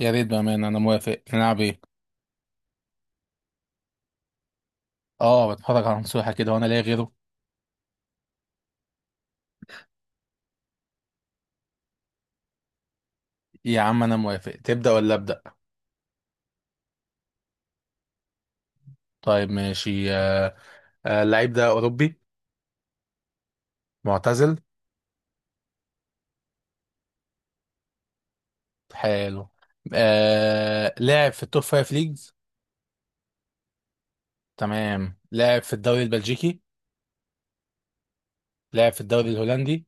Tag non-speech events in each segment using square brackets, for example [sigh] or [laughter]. يا ريت، بأمانة أنا موافق. نلعب إيه؟ آه، بتفرج على نصوحة كده وأنا لاقي غيره. يا عم أنا موافق، تبدأ ولا أبدأ؟ طيب ماشي. اللعيب ده أوروبي. معتزل. حلو. لاعب في التوب فايف ليجز. تمام، لاعب في الدوري البلجيكي. لاعب في الدوري الهولندي.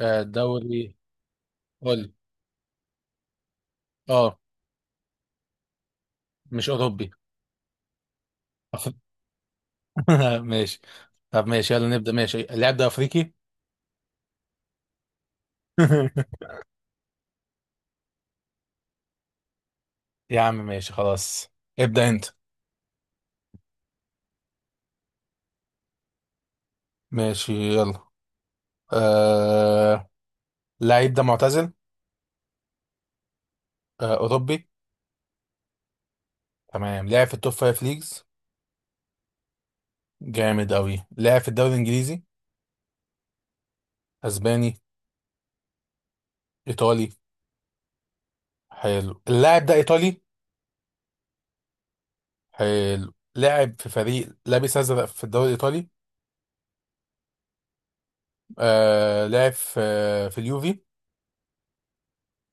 الدوري قول. آه. مش أوروبي. أف- [laughs] ماشي. طب ماشي يلا نبدأ ماشي، اللاعب ده أفريقي. [laughs] يا عم ماشي خلاص. ابدأ أنت. ماشي يلا. آه. اللعيب ده معتزل. اوروبي تمام، لعب في التوب فايف ليجز. جامد اوي، لعب في الدوري الانجليزي. اسباني. ايطالي. حلو، اللاعب ده ايطالي. حلو، لعب في فريق لابس ازرق في الدوري الايطالي. لعب في اليوفي.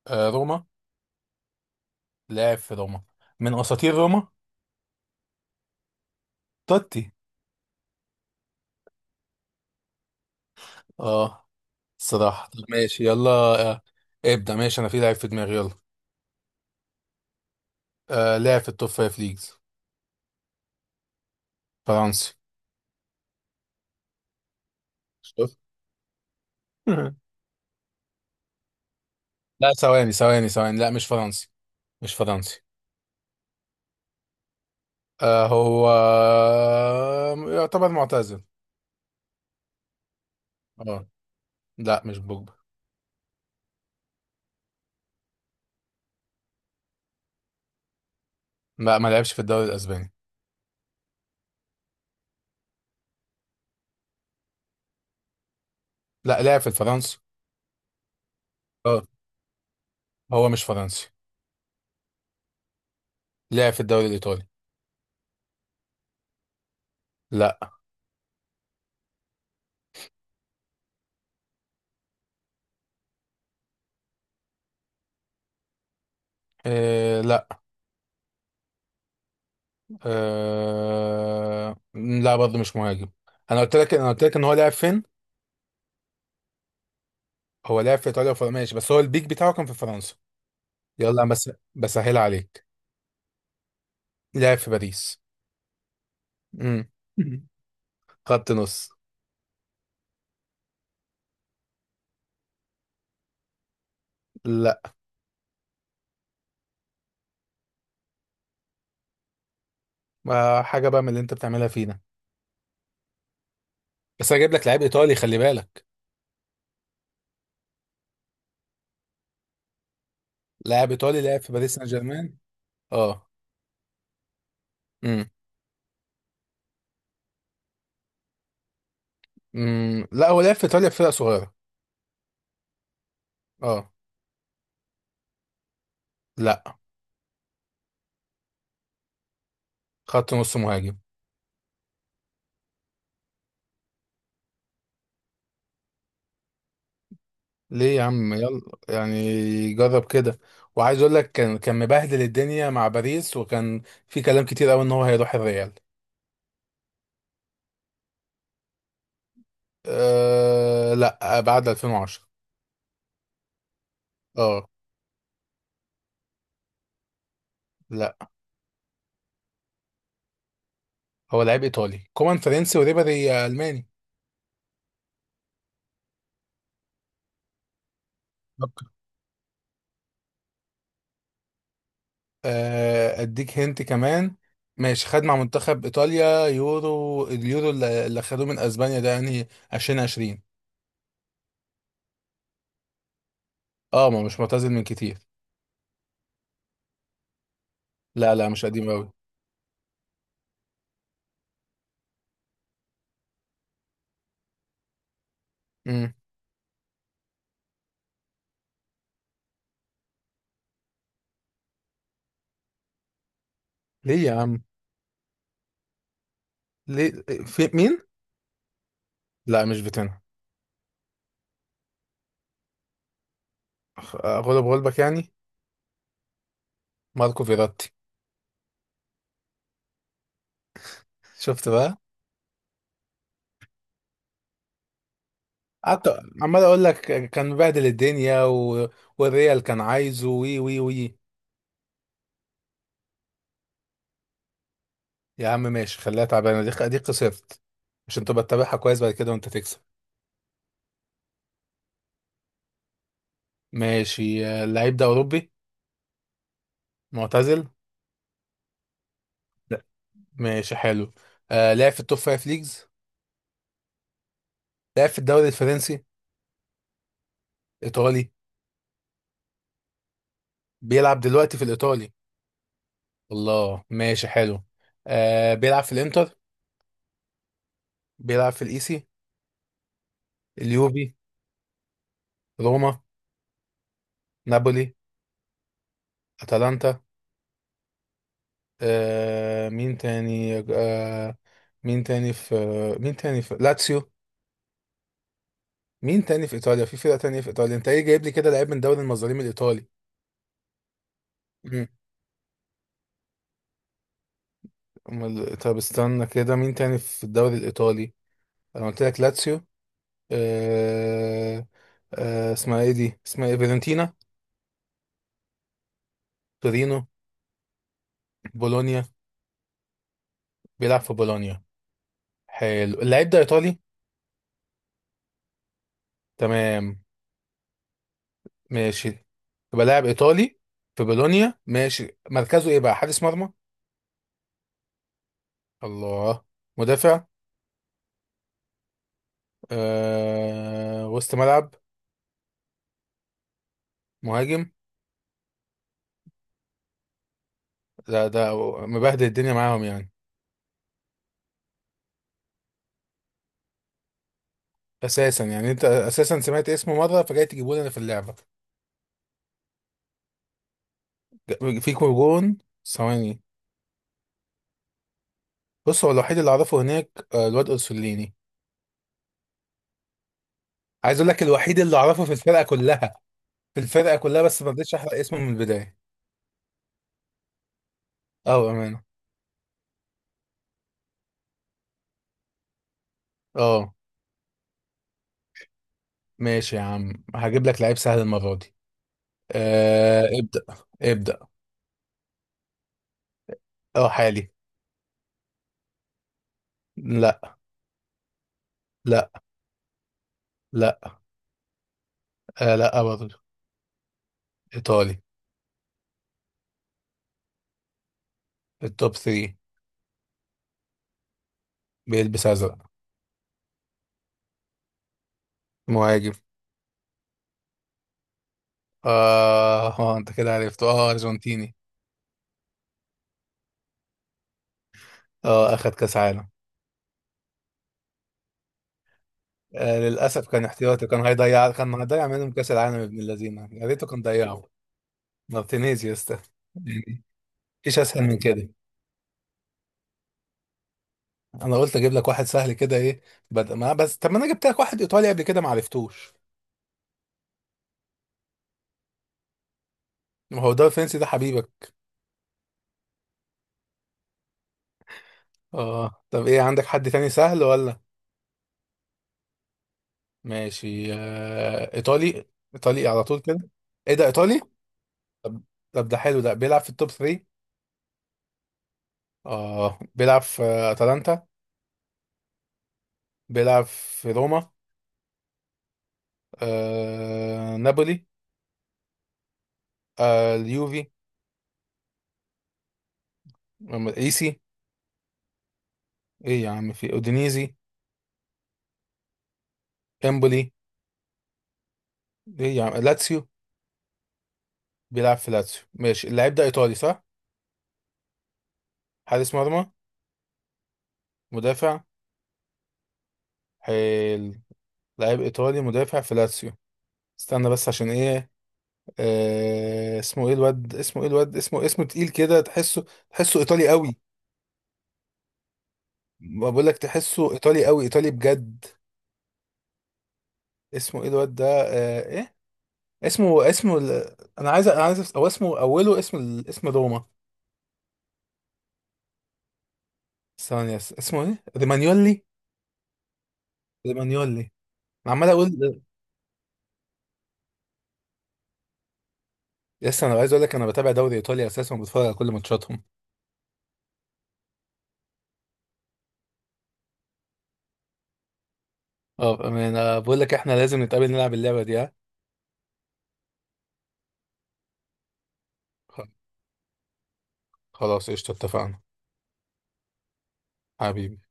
روما. لعب في روما. من اساطير روما. توتي. اه. الصراحه، طب ماشي يلا. آه ابدا ماشي، انا في لاعب في دماغي. يلا. لعب في التوب فايف ليجز. فرنسي. شوف. [laughs] لا ثواني ثواني ثواني، لا مش فرنسي. مش فرنسي. هو يعتبر معتزل. اه. لا مش بوجبا. لا، ما لعبش في الدوري الاسباني. لا، لعب في الفرنسي. اه، هو مش فرنسي. لعب في الدوري الايطالي. لا. إيه، لا. آه. لا برضه مش مهاجم. انا قلت لك ان هو لعب فين. هو لعب في ايطاليا وفرنسا ماشي، بس هو البيك بتاعه كان في فرنسا. يلا، انا بس بسهل عليك. لعب في باريس. امم. [laughs] خط نص. لا. حاجه بقى من اللي انت بتعملها فينا. بس انا جايب لك لاعب ايطالي، خلي بالك. لاعب ايطالي لعب في باريس سان جيرمان. اه. امم. لا، هو لعب في ايطاليا في فرقه صغيره. اه. لا. خط نص مهاجم. ليه يا عم؟ يلا يعني، جرب كده. وعايز اقول لك، كان مبهدل الدنيا مع باريس، وكان في كلام كتير قوي ان هو هيروح الريال. لا، بعد 2010. اه. لا، هو لعيب ايطالي. كومان فرنسي وريبيري الماني. اديك هنت كمان. ماشي، خد مع منتخب ايطاليا اليورو اللي خدوه من اسبانيا ده، يعني 2020. اه، ما مش معتزل من كتير. لا لا، مش قديم قوي. امم. ليه يا عم؟ ليه؟ في مين؟ لا مش فيتينا. غلبك يعني. ماركو فيراتي. شفت بقى. قعدت عمال اقول لك، كان مبهدل الدنيا و... والريال كان عايزه، وي وي وي. يا عم ماشي خليها تعبانه، دي خسرت عشان تبقى تتابعها كويس بعد كده وانت تكسب. ماشي. اللعيب ده أوروبي. معتزل. لا. ماشي حلو. لعب في التوب فايف ليجز. لعب في الدوري الفرنسي. إيطالي. بيلعب دلوقتي في الإيطالي. الله، ماشي حلو. بيلعب في الإنتر. بيلعب في الإيسي. اليوفي. روما. نابولي. أتلانتا. آه مين تاني آه مين تاني في مين تاني في لاتسيو؟ مين تاني في إيطاليا؟ في فرقة تانية في إيطاليا؟ أنت إيه جايب لي كده لعيب من دوري المظالم الإيطالي؟ طب استنى كده، مين تاني في الدوري الإيطالي؟ أنا قلت لك لاتسيو. آه... اسمها إيه دي، اسمها إيه، فيرنتينا. تورينو. بولونيا. بيلعب في بولونيا. حلو، اللعيب ده إيطالي. تمام. ماشي. يبقى لاعب إيطالي في بولونيا، ماشي. مركزه إيه بقى، حارس مرمى؟ الله. مدافع. وسط ملعب. مهاجم. لا ده مبهدل الدنيا معاهم يعني. أساسا يعني، أنت أساسا سمعت اسمه مرة فجاي تجيبه لنا في اللعبة؟ فيكو جون. ثواني. بص، هو الوحيد اللي اعرفه هناك، الواد اورسوليني. عايز اقول لك الوحيد اللي اعرفه في الفرقه كلها، في الفرقه كلها، بس ما رضيتش احرق اسمه من البدايه. اه بامانه. اه، ماشي يا عم، هجيب لك لعيب سهل المره دي. ابدا ابدا. اه، حالي. لا. لا. لا. لا برضه. ايطالي. التوب 3. بيلبس ازرق. مهاجم. اه. انت كده عرفته، اه ارجنتيني. اه، اخد كاس عالم. للاسف كان احتياطي، كان هيضيع منهم كاس العالم ابن اللذينه، يا ريته كان ضيعه. مارتينيز يا اسطى. يعني مفيش اسهل من كده. انا قلت اجيب لك واحد سهل كده، ايه؟ ما بس طب، ما انا جبت لك واحد ايطالي قبل كده ما عرفتوش. ما هو ده الفرنسي ده حبيبك. اه طب، ايه، عندك حد تاني سهل ولا؟ ماشي. ايطالي ايطالي على طول كده. ايه، ده ايطالي؟ طب. طب ده حلو. ده بيلعب في التوب 3. اه بيلعب في اتلانتا؟ بيلعب في روما؟ نابولي؟ اليوفي ايسي؟ ايه يا عم، في اودينيزي؟ امبولي؟ ايه يا عم، لاتسيو؟ بيلعب في لاتسيو ماشي. اللاعب ده ايطالي، صح؟ حارس مرمى؟ مدافع. حلو، لاعب ايطالي مدافع في لاتسيو. استنى بس عشان ايه. اسمه ايه الواد، اسمه تقيل كده، تحسه تحسه ايطالي قوي. ما بقول لك، تحسه ايطالي قوي، ايطالي بجد. اسمه ايه الواد ده، ايه اسمه انا عايز او اسمه اوله، اسم اسم روما. ثانية، اسمه ايه؟ رومانيولي. رومانيولي. انا عمال اقول. لسه انا عايز اقول لك، انا بتابع دوري ايطاليا اساسا، وبتفرج على كل ماتشاتهم. اه انا بقول لك، احنا لازم نتقابل نلعب اللعبة دي، ها؟ خ- خلاص قشطة، اتفقنا. حبيبي.